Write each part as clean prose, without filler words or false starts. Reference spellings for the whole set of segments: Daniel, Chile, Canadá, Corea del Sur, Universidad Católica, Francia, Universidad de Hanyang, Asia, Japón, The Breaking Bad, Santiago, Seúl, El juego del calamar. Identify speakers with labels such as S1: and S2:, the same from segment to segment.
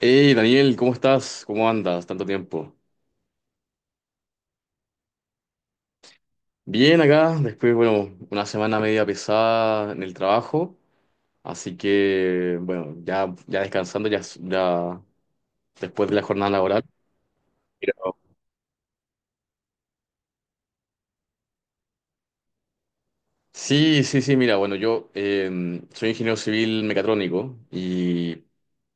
S1: Hey Daniel, ¿cómo estás? ¿Cómo andas? Tanto tiempo. Bien acá, después, bueno, una semana media pesada en el trabajo, así que, bueno, ya descansando, ya después de la jornada laboral. Sí, sí, sí, mira, bueno, yo soy ingeniero civil mecatrónico y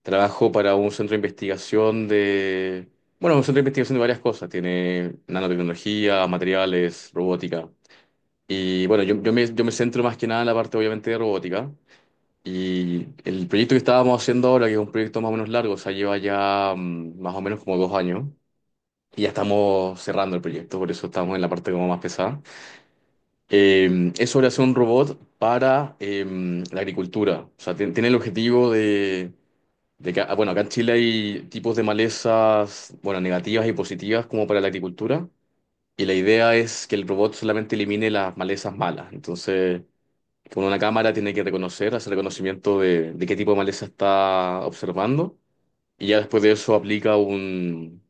S1: trabajo para un centro de investigación de, bueno, un centro de investigación de varias cosas, tiene nanotecnología, materiales, robótica. Y bueno, yo me centro más que nada en la parte obviamente de robótica. Y el proyecto que estábamos haciendo ahora, que es un proyecto más o menos largo, o sea, lleva ya más o menos como 2 años, y ya estamos cerrando el proyecto, por eso estamos en la parte como más pesada. Es sobre hacer un robot para la agricultura. O sea, tiene el objetivo de que, bueno, acá en Chile hay tipos de malezas, bueno, negativas y positivas como para la agricultura, y la idea es que el robot solamente elimine las malezas malas. Entonces, con una cámara tiene que reconocer, hacer reconocimiento de qué tipo de maleza está observando. Y ya después de eso aplica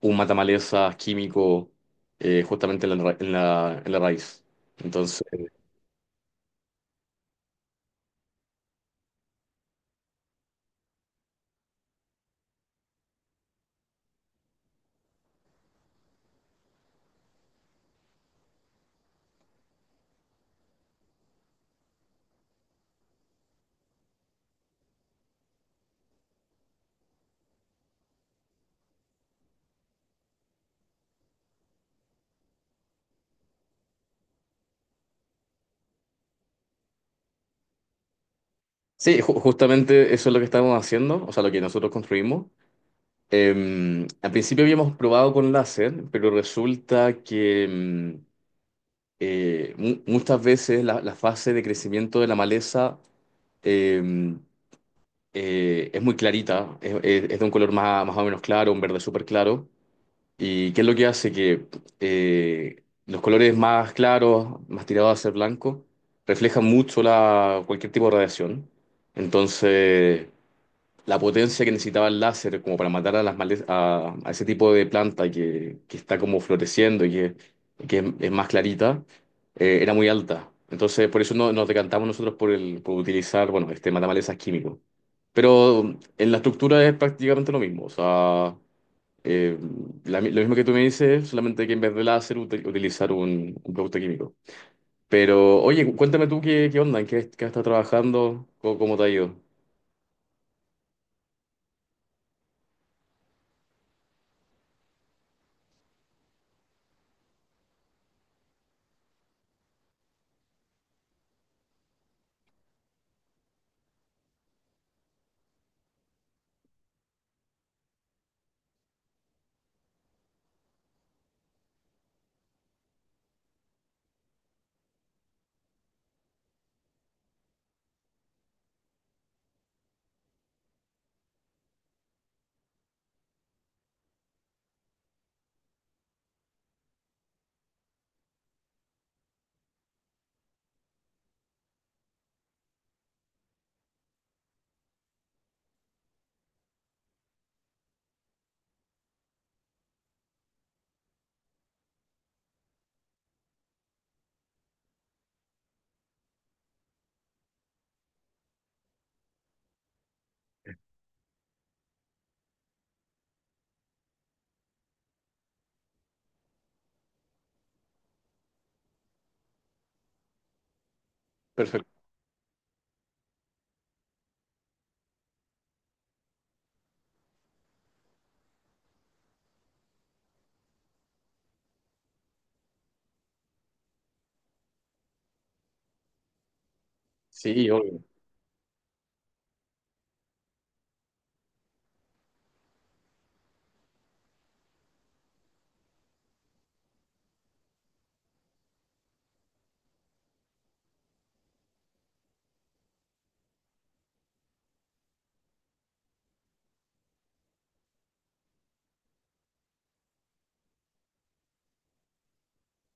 S1: un matamalezas químico justamente en la, en en la raíz. Entonces, sí, justamente eso es lo que estamos haciendo, o sea, lo que nosotros construimos. Al principio habíamos probado con láser, pero resulta que muchas veces la, la fase de crecimiento de la maleza em, es muy clarita, es, es de un color más, más o menos claro, un verde súper claro. ¿Y qué es lo que hace? Que los colores más claros, más tirados a ser blanco, reflejan mucho la, cualquier tipo de radiación. Entonces, la potencia que necesitaba el láser como para matar a, a ese tipo de planta que está como floreciendo y que es más clarita, era muy alta. Entonces, por eso nos decantamos nosotros por, el, por utilizar, bueno, este matamales químico. Pero en la estructura es prácticamente lo mismo. O sea, eh, lo mismo que tú me dices, solamente que en vez de láser utilizar un producto químico. Pero, oye, cuéntame tú qué, qué onda, en qué, qué has estado trabajando, cómo, cómo te ha ido. Perfecto. Sí, obvio.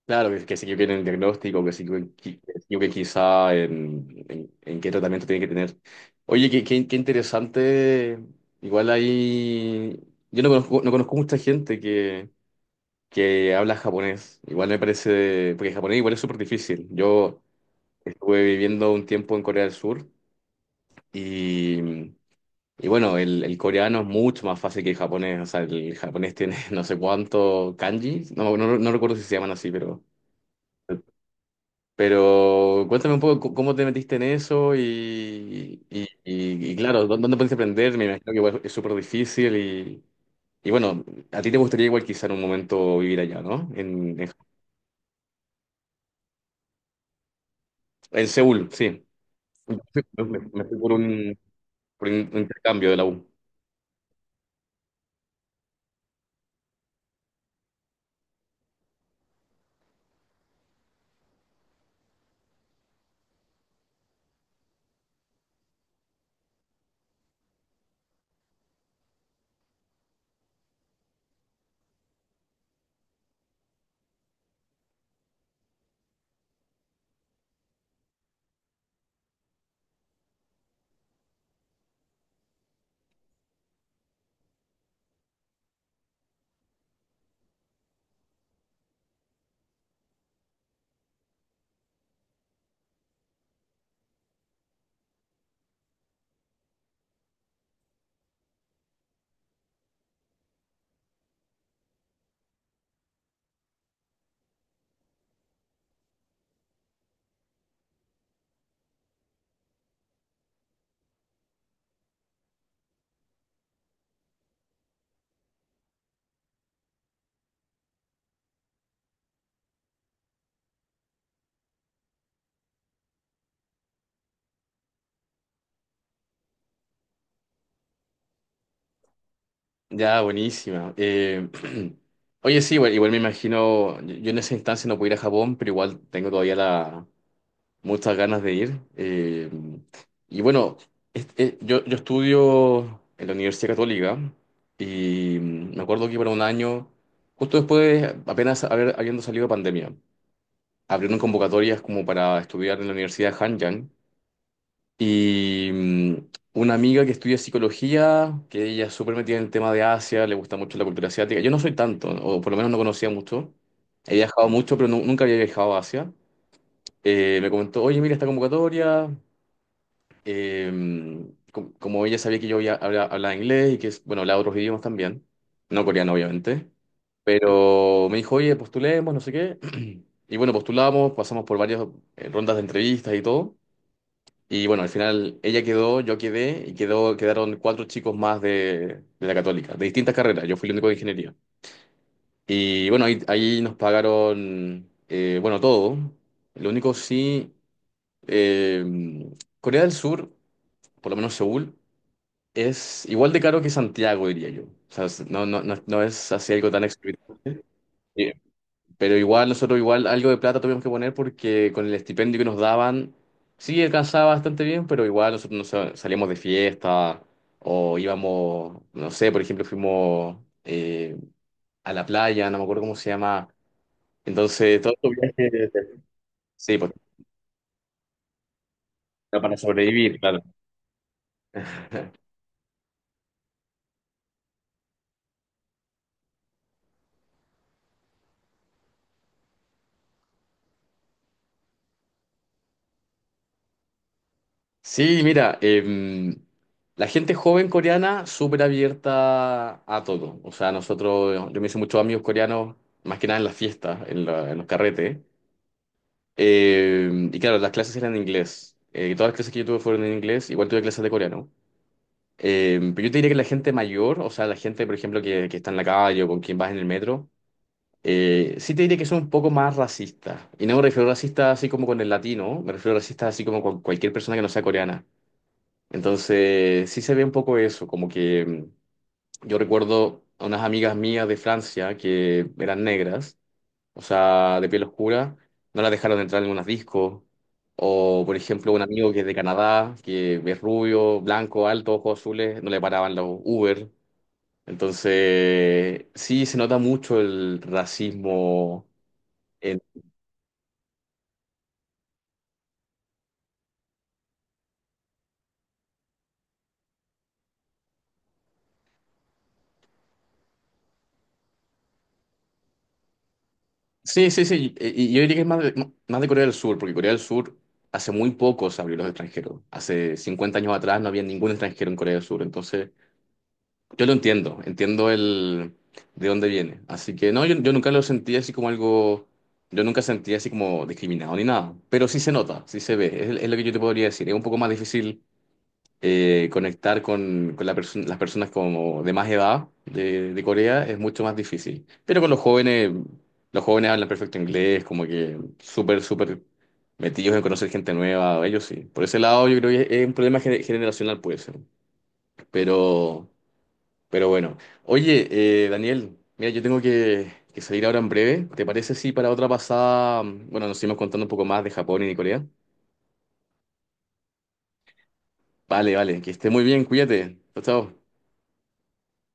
S1: Claro, que sí que quieren el diagnóstico, que sí que, que sí que quizá en, en qué tratamiento tiene que tener. Oye, qué, qué, qué interesante. Igual ahí. Yo no conozco, no conozco mucha gente que. Que habla japonés. Igual me parece, porque japonés igual es súper difícil. Yo estuve viviendo un tiempo en Corea del Sur y, y bueno, el coreano es mucho más fácil que el japonés. O sea, el japonés tiene no sé cuánto kanji, no, no, no recuerdo si se llaman así, pero... Pero cuéntame un poco cómo te metiste en eso y, y claro, ¿dónde pudiste aprender? Me imagino que igual es súper difícil y bueno, a ti te gustaría igual quizá en un momento vivir allá, ¿no? En Seúl, sí. Me fui por un intercambio de la U. Ya, buenísima. Oye, sí, igual, igual me imagino, yo en esa instancia no pude ir a Japón, pero igual tengo todavía la, muchas ganas de ir. Y bueno, este, yo estudio en la Universidad Católica y me acuerdo que para un año, justo después, apenas habiendo salido de pandemia, abrieron convocatorias como para estudiar en la Universidad de Hanyang. Y una amiga que estudia psicología, que ella es súper metida en el tema de Asia, le gusta mucho la cultura asiática. Yo no soy tanto, o por lo menos no conocía mucho. He viajado mucho, pero nunca había viajado a Asia. Me comentó, oye, mira esta convocatoria. Como ella sabía que yo hablaba inglés y que, bueno, hablaba otros idiomas también. No coreano, obviamente. Pero me dijo, oye, postulemos, no sé qué. Y bueno, postulamos, pasamos por varias rondas de entrevistas y todo. Y bueno, al final ella quedó, yo quedé y quedaron cuatro chicos más de la Católica, de distintas carreras. Yo fui el único de ingeniería. Y bueno, ahí nos pagaron, bueno, todo. Lo único sí, eh, Corea del Sur, por lo menos Seúl, es igual de caro que Santiago, diría yo. O sea, no, no, no, no es así algo tan exorbitante. Pero igual, nosotros igual algo de plata tuvimos que poner porque con el estipendio que nos daban, sí alcanzaba bastante bien, pero igual nosotros salíamos de fiesta o íbamos, no sé, por ejemplo, fuimos eh, a la playa, no me acuerdo cómo se llama. Entonces, todos estos viajes, sí, pues era para sobrevivir, claro. Sí, mira, la gente joven coreana súper abierta a todo. O sea, nosotros, yo me hice muchos amigos coreanos, más que nada en las fiestas, en, en los carretes. Y claro, las clases eran en inglés. Todas las clases que yo tuve fueron en inglés, igual tuve clases de coreano. Pero yo te diría que la gente mayor, o sea, la gente, por ejemplo, que está en la calle o con quien vas en el metro, sí te diría que son un poco más racistas. Y no me refiero a racistas así como con el latino, me refiero a racistas así como con cualquier persona que no sea coreana. Entonces, sí se ve un poco eso, como que yo recuerdo a unas amigas mías de Francia que eran negras, o sea, de piel oscura, no la dejaron entrar en algunos discos. O, por ejemplo, un amigo que es de Canadá, que es rubio, blanco, alto, ojos azules, no le paraban los Uber. Entonces, sí, se nota mucho el racismo. en- Sí, sí, sí. Y yo diría que es más de Corea del Sur, porque Corea del Sur hace muy poco se abrió los extranjeros. Hace 50 años atrás no había ningún extranjero en Corea del Sur. Entonces, yo lo entiendo, entiendo el de dónde viene. Así que no, yo nunca lo sentí así como algo, yo nunca sentí así como discriminado ni nada, pero sí se nota, sí se ve, es lo que yo te podría decir. Es un poco más difícil conectar con las personas como de más edad de Corea, es mucho más difícil. Pero con los jóvenes hablan perfecto inglés, como que súper, súper metidos en conocer gente nueva, ellos sí. Por ese lado yo creo que es un problema generacional puede ser, pero... Pero bueno, oye, Daniel, mira, yo tengo que salir ahora en breve. ¿Te parece si para otra pasada, bueno, nos seguimos contando un poco más de Japón y de Corea? Vale, vale, que esté muy bien, cuídate. Chao, chao.